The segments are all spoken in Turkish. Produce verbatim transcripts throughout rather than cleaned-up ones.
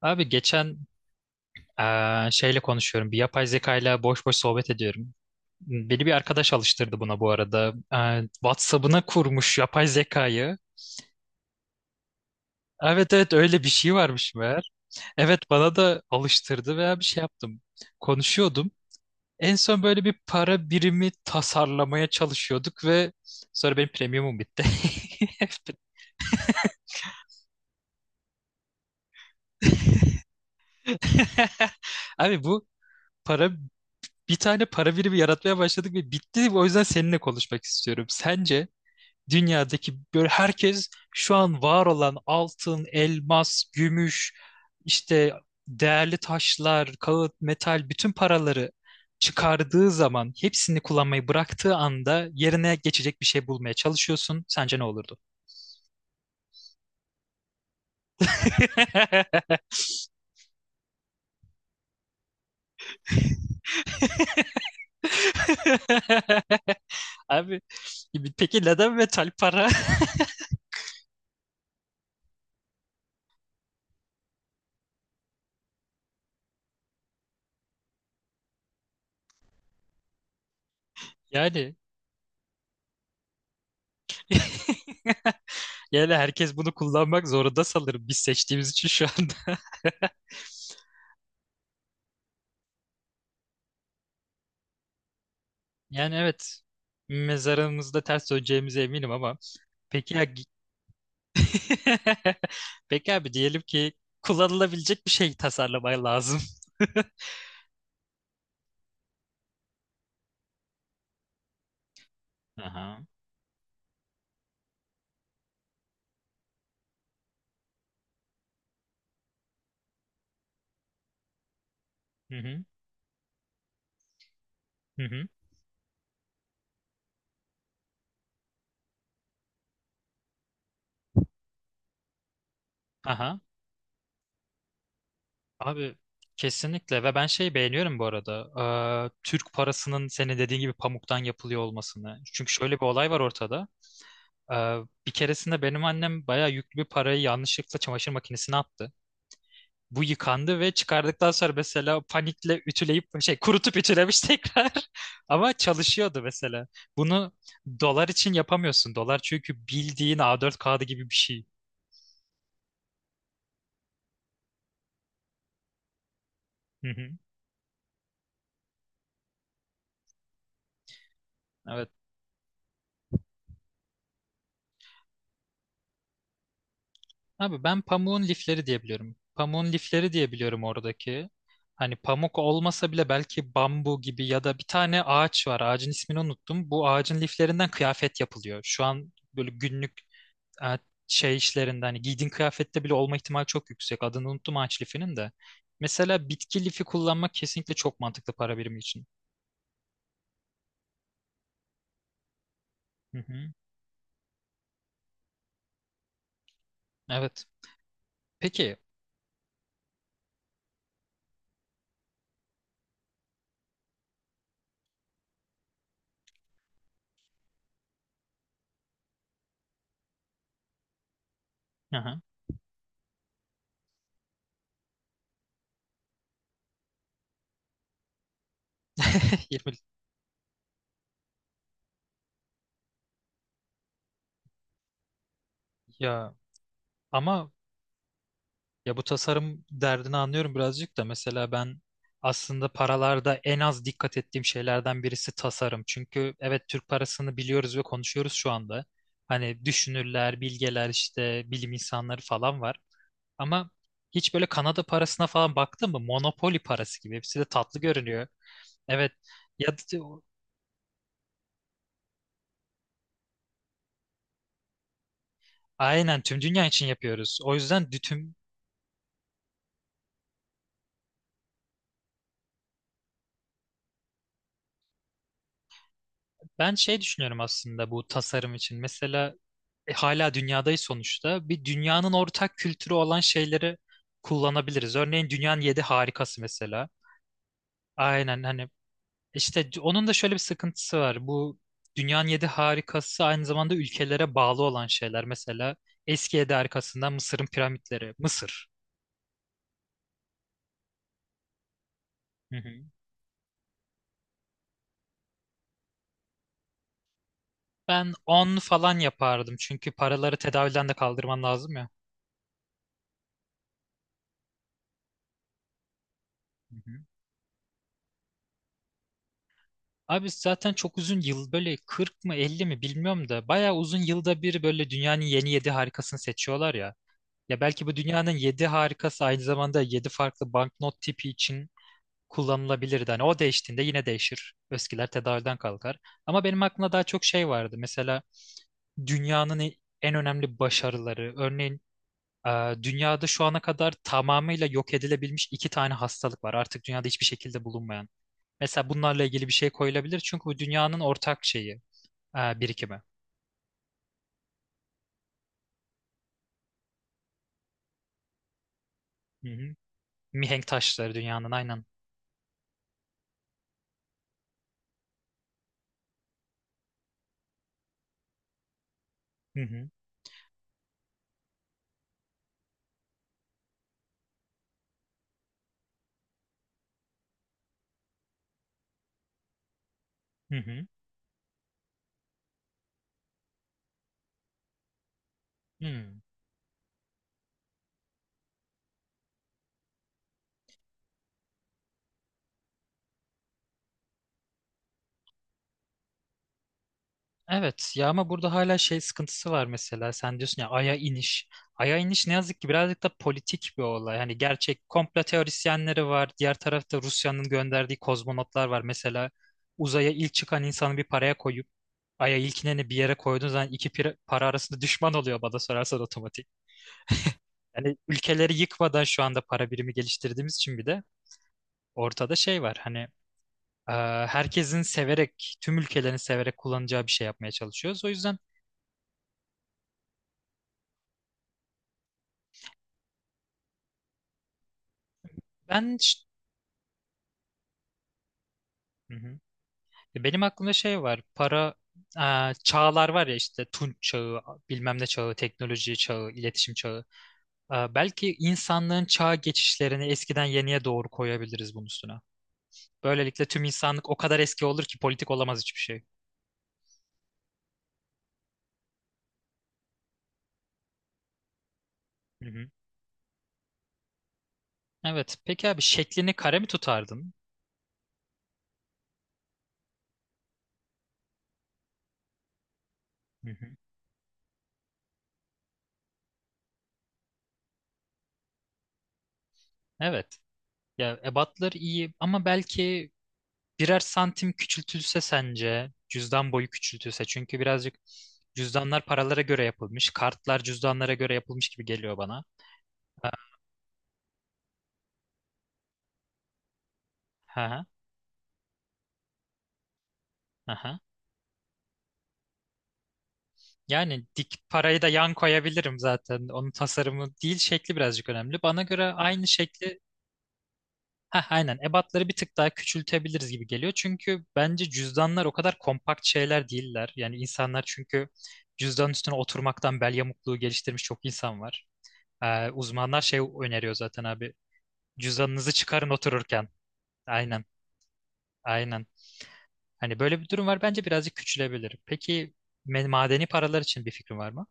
Abi geçen eee, şeyle konuşuyorum. Bir yapay zekayla boş boş sohbet ediyorum. Beni bir arkadaş alıştırdı buna bu arada. Eee, WhatsApp'ına kurmuş yapay zekayı. Evet evet, öyle bir şey varmış meğer. Evet, bana da alıştırdı veya bir şey yaptım. Konuşuyordum. En son böyle bir para birimi tasarlamaya çalışıyorduk ve sonra benim premiumum bitti. Abi, bu para bir tane para birimi yaratmaya başladık ve bitti. O yüzden seninle konuşmak istiyorum. Sence dünyadaki böyle herkes şu an var olan altın, elmas, gümüş, işte değerli taşlar, kağıt, metal bütün paraları çıkardığı zaman hepsini kullanmayı bıraktığı anda yerine geçecek bir şey bulmaya çalışıyorsun. Sence ne olurdu? Abi, peki neden metal para? Yani yani herkes bunu kullanmak zorunda sanırım, biz seçtiğimiz için şu anda. Yani evet, mezarımızda ters döneceğimize eminim ama peki ya peki abi, diyelim ki kullanılabilecek bir şey tasarlamaya lazım. Aha. Hı hı. Hı hı. Aha. Abi kesinlikle, ve ben şey beğeniyorum bu arada. Ee, Türk parasının senin dediğin gibi pamuktan yapılıyor olmasını. Çünkü şöyle bir olay var ortada. Ee, bir keresinde benim annem bayağı yüklü bir parayı yanlışlıkla çamaşır makinesine attı. Bu yıkandı ve çıkardıktan sonra mesela panikle ütüleyip şey kurutup ütülemiş tekrar. Ama çalışıyordu mesela. Bunu dolar için yapamıyorsun. Dolar çünkü bildiğin a dört kağıdı gibi bir şey. Hı hı. Evet. Abi, ben pamuğun lifleri diyebiliyorum. Pamuğun lifleri diyebiliyorum oradaki. Hani pamuk olmasa bile belki bambu gibi ya da bir tane ağaç var. Ağacın ismini unuttum. Bu ağacın liflerinden kıyafet yapılıyor. Şu an böyle günlük e, şey işlerinden hani giydiğin kıyafette bile olma ihtimali çok yüksek. Adını unuttum ağaç lifinin de. Mesela bitki lifi kullanmak kesinlikle çok mantıklı para birimi için. Hı hı. Evet. Peki. Aha. yirmi, ya ama ya bu tasarım derdini anlıyorum birazcık da, mesela ben aslında paralarda en az dikkat ettiğim şeylerden birisi tasarım. Çünkü evet, Türk parasını biliyoruz ve konuşuyoruz şu anda. Hani düşünürler, bilgeler, işte bilim insanları falan var. Ama hiç böyle Kanada parasına falan baktın mı? Monopoly parası gibi. Hepsi de tatlı görünüyor. Evet. Ya aynen, tüm dünya için yapıyoruz. O yüzden bütün ben şey düşünüyorum aslında bu tasarım için. Mesela e, hala dünyadayız sonuçta. Bir dünyanın ortak kültürü olan şeyleri kullanabiliriz. Örneğin dünyanın yedi harikası mesela. Aynen hani İşte c- onun da şöyle bir sıkıntısı var. Bu dünyanın yedi harikası aynı zamanda ülkelere bağlı olan şeyler. Mesela eski yedi harikasından Mısır'ın piramitleri. Mısır. Hı hı. Ben on falan yapardım. Çünkü paraları tedavülden de kaldırman lazım ya. Hı hı. Abi zaten çok uzun yıl böyle kırk mı elli mi bilmiyorum da bayağı uzun yılda bir böyle dünyanın yeni yedi harikasını seçiyorlar ya. Ya belki bu dünyanın yedi harikası aynı zamanda yedi farklı banknot tipi için kullanılabilirdi. Hani o değiştiğinde yine değişir. Eskiler tedavülden kalkar. Ama benim aklımda daha çok şey vardı. Mesela dünyanın e- en önemli başarıları. Örneğin e, dünyada şu ana kadar tamamıyla yok edilebilmiş iki tane hastalık var. Artık dünyada hiçbir şekilde bulunmayan. Mesela bunlarla ilgili bir şey koyulabilir. Çünkü bu dünyanın ortak şeyi, e, birikimi. Hı hı. Mihenk taşları dünyanın, aynen. Hı hı. Hı hı. Hı. Evet, ya ama burada hala şey sıkıntısı var, mesela sen diyorsun ya Ay'a iniş. Ay'a iniş ne yazık ki birazcık da politik bir olay. Hani gerçek komplo teorisyenleri var. Diğer tarafta Rusya'nın gönderdiği kozmonotlar var. Mesela uzaya ilk çıkan insanı bir paraya koyup Ay'a ilkineni bir yere koyduğun zaman iki pira- para arasında düşman oluyor bana sorarsan otomatik. Yani ülkeleri yıkmadan şu anda para birimi geliştirdiğimiz için bir de ortada şey var. Hani e, herkesin severek, tüm ülkelerin severek kullanacağı bir şey yapmaya çalışıyoruz. O yüzden ben Hı hı. Benim aklımda şey var. Para e, çağlar var ya, işte Tunç çağı, bilmem ne çağı, teknoloji çağı, iletişim çağı. E, belki insanlığın çağ geçişlerini eskiden yeniye doğru koyabiliriz bunun üstüne. Böylelikle tüm insanlık o kadar eski olur ki politik olamaz hiçbir şey. Hı hı. Evet. Peki abi, şeklini kare mi tutardın? Hı hı. Evet. Ya ebatları iyi ama belki birer santim küçültülse, sence cüzdan boyu küçültülse, çünkü birazcık cüzdanlar paralara göre yapılmış, kartlar cüzdanlara göre yapılmış gibi geliyor bana. Ha, ha, ha. Yani dik parayı da yan koyabilirim zaten. Onun tasarımı değil, şekli birazcık önemli. Bana göre aynı şekli ha aynen, ebatları bir tık daha küçültebiliriz gibi geliyor. Çünkü bence cüzdanlar o kadar kompakt şeyler değiller. Yani insanlar çünkü cüzdan üstüne oturmaktan bel yamukluğu geliştirmiş çok insan var. Ee, uzmanlar şey öneriyor zaten abi. Cüzdanınızı çıkarın otururken. Aynen, aynen. Hani böyle bir durum var. Bence birazcık küçülebilir. Peki me- madeni paralar için bir fikrin var mı?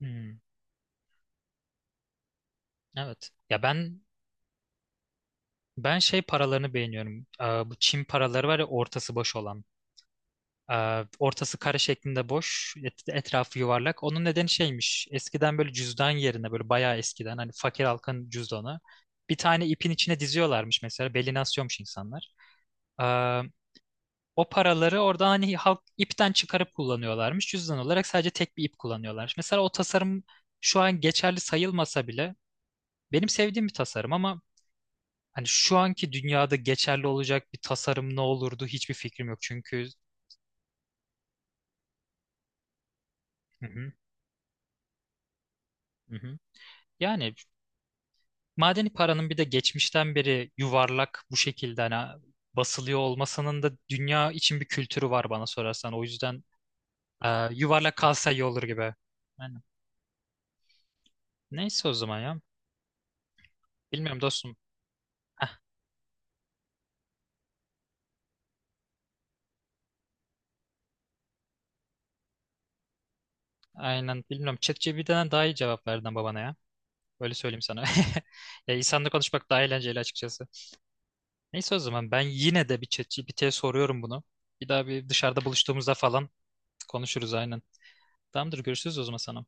Hmm, evet. Ya ben ben şey paralarını beğeniyorum. Aa, bu Çin paraları var ya, ortası boş olan. Aa, ortası kare şeklinde boş, et- etrafı yuvarlak. Onun nedeni şeymiş. Eskiden böyle cüzdan yerine böyle bayağı eskiden hani fakir halkın cüzdanı. Bir tane ipin içine diziyorlarmış mesela. Beline asıyormuş insanlar. O paraları orada hani halk ipten çıkarıp kullanıyorlarmış. Cüzdan olarak sadece tek bir ip kullanıyorlar. Mesela o tasarım şu an geçerli sayılmasa bile benim sevdiğim bir tasarım ama hani şu anki dünyada geçerli olacak bir tasarım ne olurdu hiçbir fikrim yok. Çünkü Hı hı, hı hı. Yani madeni paranın bir de geçmişten beri yuvarlak bu şekilde hani basılıyor olmasının da dünya için bir kültürü var bana sorarsan. O yüzden e, yuvarlak kalsa iyi olur gibi. Yani neyse o zaman ya. Bilmiyorum dostum. Aynen, bilmiyorum. ChatGPT'den daha iyi cevap verdin babana ya. Öyle söyleyeyim sana. Ya insanla konuşmak daha eğlenceli açıkçası. Neyse, o zaman ben yine de bir ChatGPT'ye soruyorum bunu. Bir daha bir dışarıda buluştuğumuzda falan konuşuruz aynen. Tamamdır, görüşürüz o zaman sana.